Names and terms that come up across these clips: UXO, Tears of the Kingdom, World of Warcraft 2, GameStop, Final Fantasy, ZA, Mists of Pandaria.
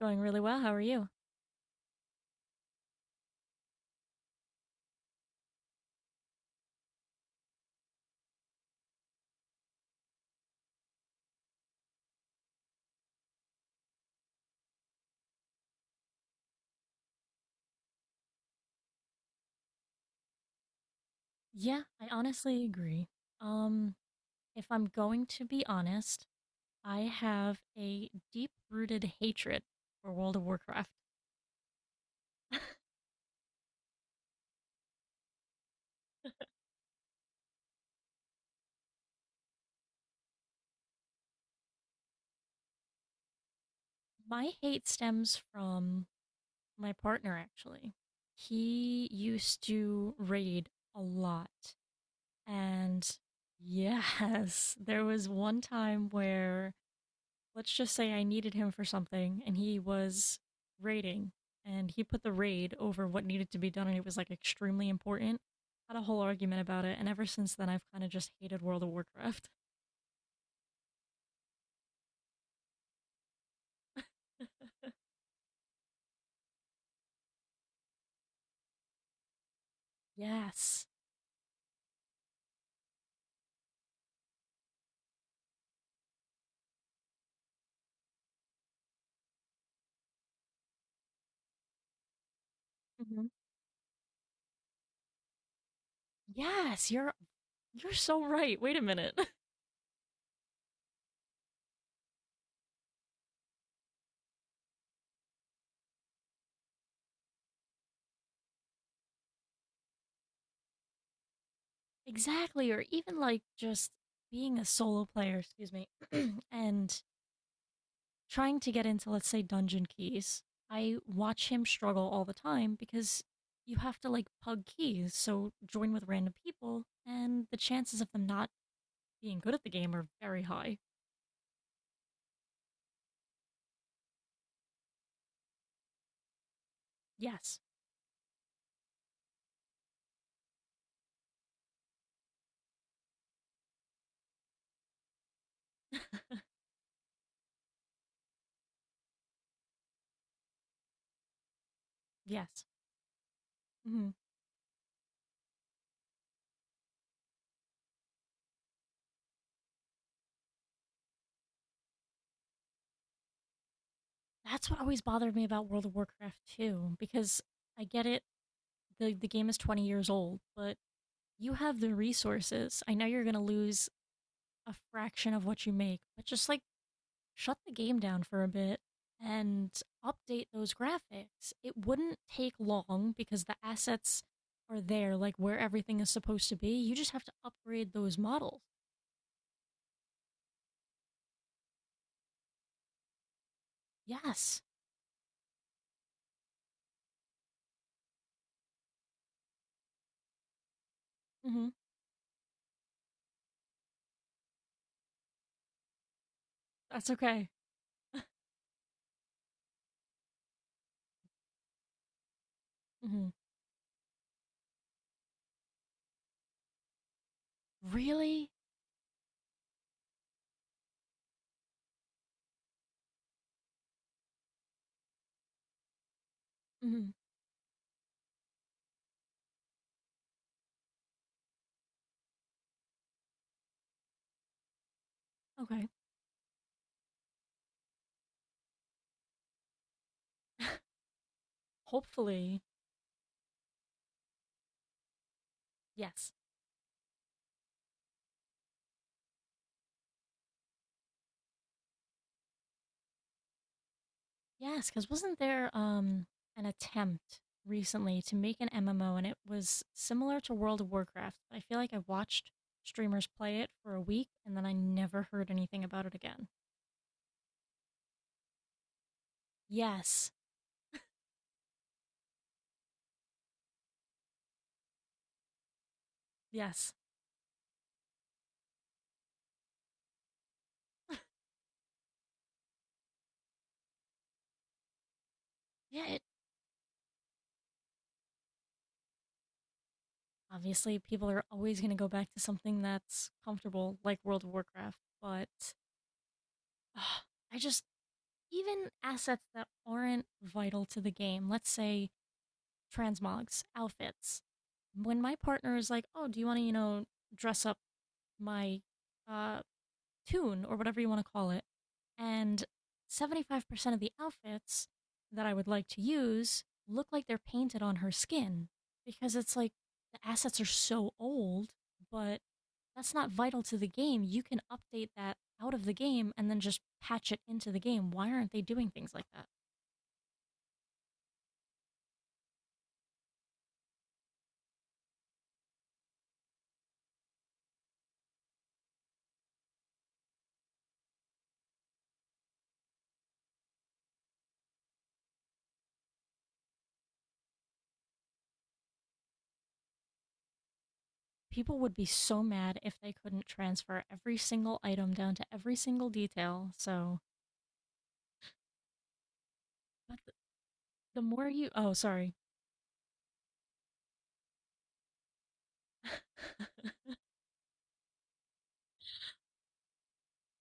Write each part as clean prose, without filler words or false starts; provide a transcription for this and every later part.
Going really well. How are you? Yeah, I honestly agree. Um, if I'm going to be honest, I have a deep-rooted hatred for World of Warcraft. My hate stems from my partner, actually. He used to raid a lot. And yes, there was one time where let's just say I needed him for something and he was raiding and he put the raid over what needed to be done and it was like extremely important. Had a whole argument about it, and ever since then I've kind of just hated World of Warcraft. Yes. Hmm. Yes, you're so right. Wait a minute. Exactly, or even like just being a solo player, excuse me, and trying to get into, let's say, dungeon keys, I watch him struggle all the time because you have to like pug keys, so join with random people, and the chances of them not being good at the game are very high. Yes. Yes. Hmm. That's what always bothered me about World of Warcraft 2, because I get it, the game is 20 years old, but you have the resources. I know you're going to lose a fraction of what you make, but just like shut the game down for a bit and update those graphics. It wouldn't take long because the assets are there, like where everything is supposed to be. You just have to upgrade those models. Yes. Hmm. That's okay. Hmm. Really? Hmm. Okay. Hopefully, yes. Yes, because 'cause wasn't there, an attempt recently to make an MMO, and it was similar to World of Warcraft, but I feel like I watched streamers play it for a week, and then I never heard anything about it again. Yes. Yes. Yeah, it obviously, people are always gonna go back to something that's comfortable, like World of Warcraft, but, ah, I just even assets that aren't vital to the game, let's say transmogs, outfits. When my partner is like, "Oh, do you wanna, you know, dress up my uh, tune or whatever you want to call it." And 75% of the outfits that I would like to use look like they're painted on her skin because it's like the assets are so old, but that's not vital to the game. You can update that out of the game and then just patch it into the game. Why aren't they doing things like that? People would be so mad if they couldn't transfer every single item down to every single detail. So, but the more you, oh, sorry.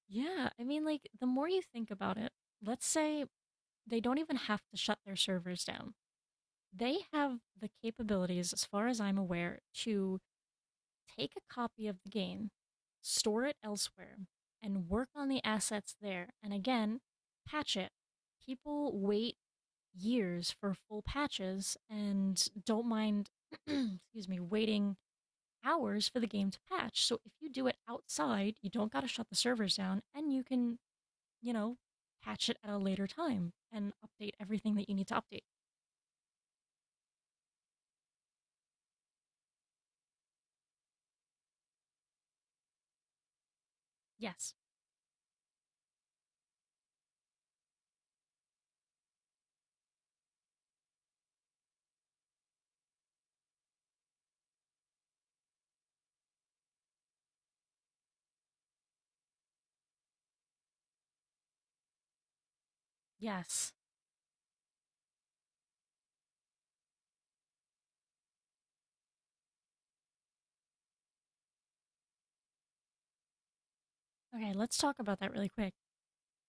Yeah, I mean, like, the more you think about it, let's say they don't even have to shut their servers down. They have the capabilities, as far as I'm aware, to take a copy of the game, store it elsewhere, and work on the assets there. And again, patch it. People wait years for full patches and don't mind, excuse me, waiting hours for the game to patch. So if you do it outside, you don't got to shut the servers down and you can, you know, patch it at a later time and update everything that you need to update. Yes. Yes. Okay, let's talk about that really quick.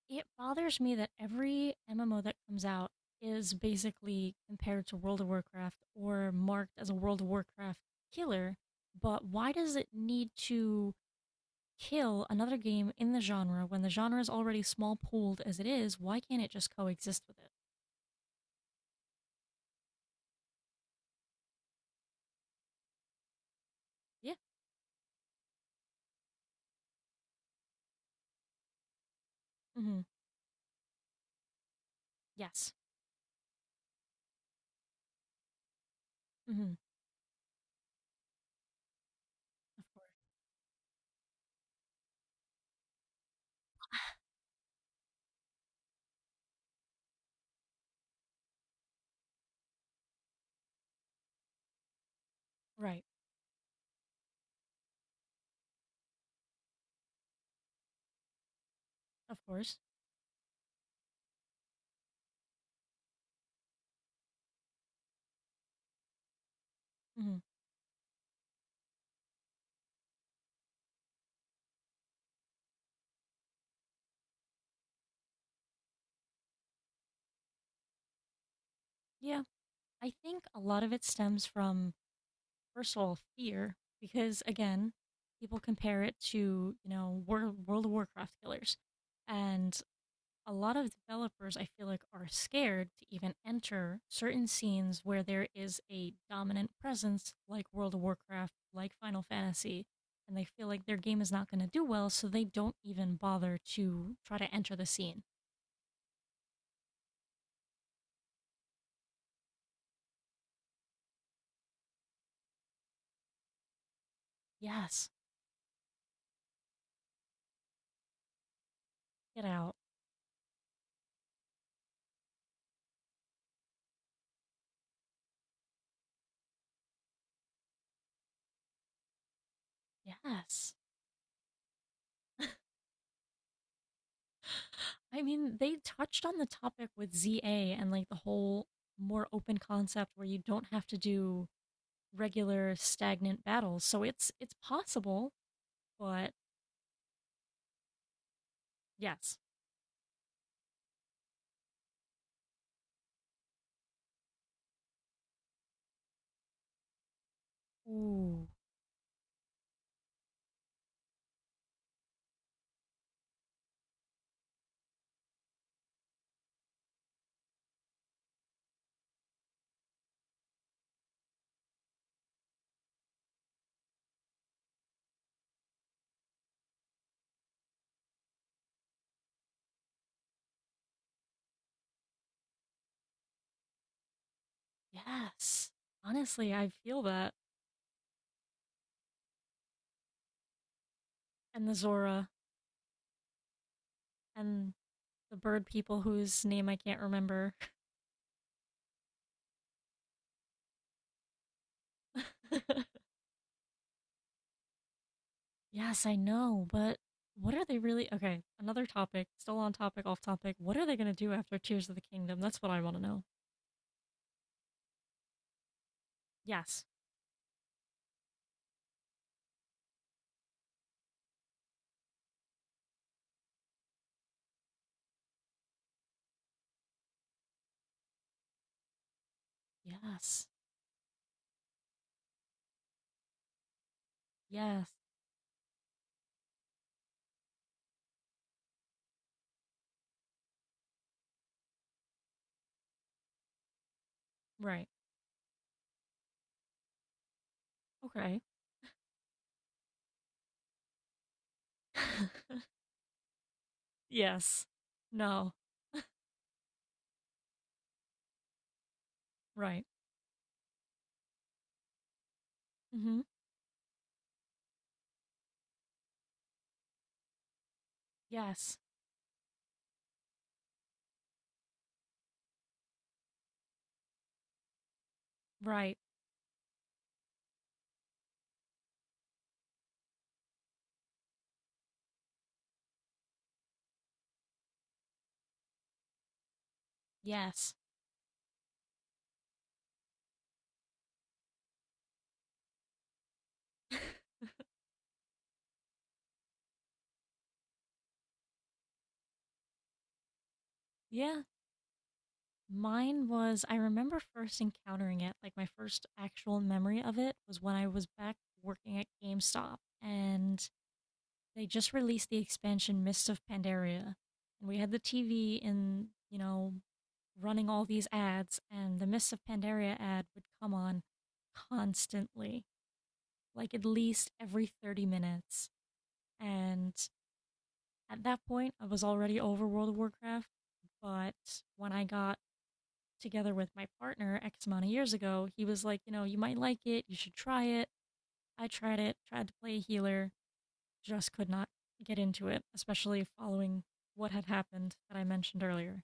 It bothers me that every MMO that comes out is basically compared to World of Warcraft or marked as a World of Warcraft killer, but why does it need to kill another game in the genre when the genre is already small pooled as it is? Why can't it just coexist with it? Yeah. Mm-hmm. Yes. Mm-hmm. Of course. Right. Of course. Mm-hmm. Yeah. I think a lot of it stems from, first of all, fear, because again, people compare it to, you know, World of Warcraft killers. And a lot of developers, I feel like, are scared to even enter certain scenes where there is a dominant presence, like World of Warcraft, like Final Fantasy, and they feel like their game is not going to do well, so they don't even bother to try to enter the scene. Yes, get out. Yes. I mean, they touched on the topic with ZA and like the whole more open concept where you don't have to do regular stagnant battles. So it's possible, but yes. Ooh, yes. Honestly, I feel that. And the Zora and the bird people whose name I can't remember. Yes, I know, but what are they really. Okay, another topic, still on topic, off topic. What are they going to do after Tears of the Kingdom? That's what I want to know. Yes. Yes. Yes. Right. Okay. Yes. No. Right. Mm-hmm. Yes. Right. Yes. Yeah. Mine was, I remember first encountering it, like my first actual memory of it was when I was back working at GameStop and they just released the expansion Mists of Pandaria. And we had the TV in, you know, running all these ads, and the Mists of Pandaria ad would come on constantly, like at least every 30 minutes. And at that point, I was already over World of Warcraft. But when I got together with my partner X amount of years ago, he was like, you know, you might like it, you should try it. I tried it, tried to play a healer, just could not get into it, especially following what had happened that I mentioned earlier.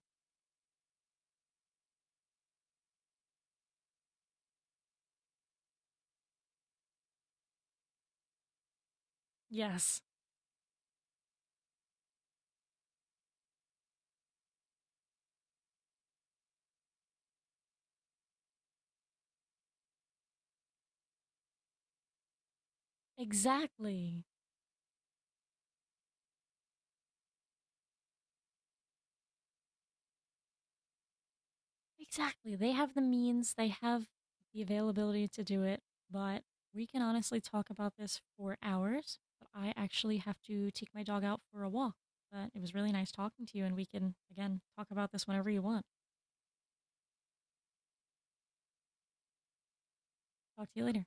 Yes, exactly. Exactly. They have the means, they have the availability to do it, but we can honestly talk about this for hours. But I actually have to take my dog out for a walk. But it was really nice talking to you, and we can, again, talk about this whenever you want. Talk to you later.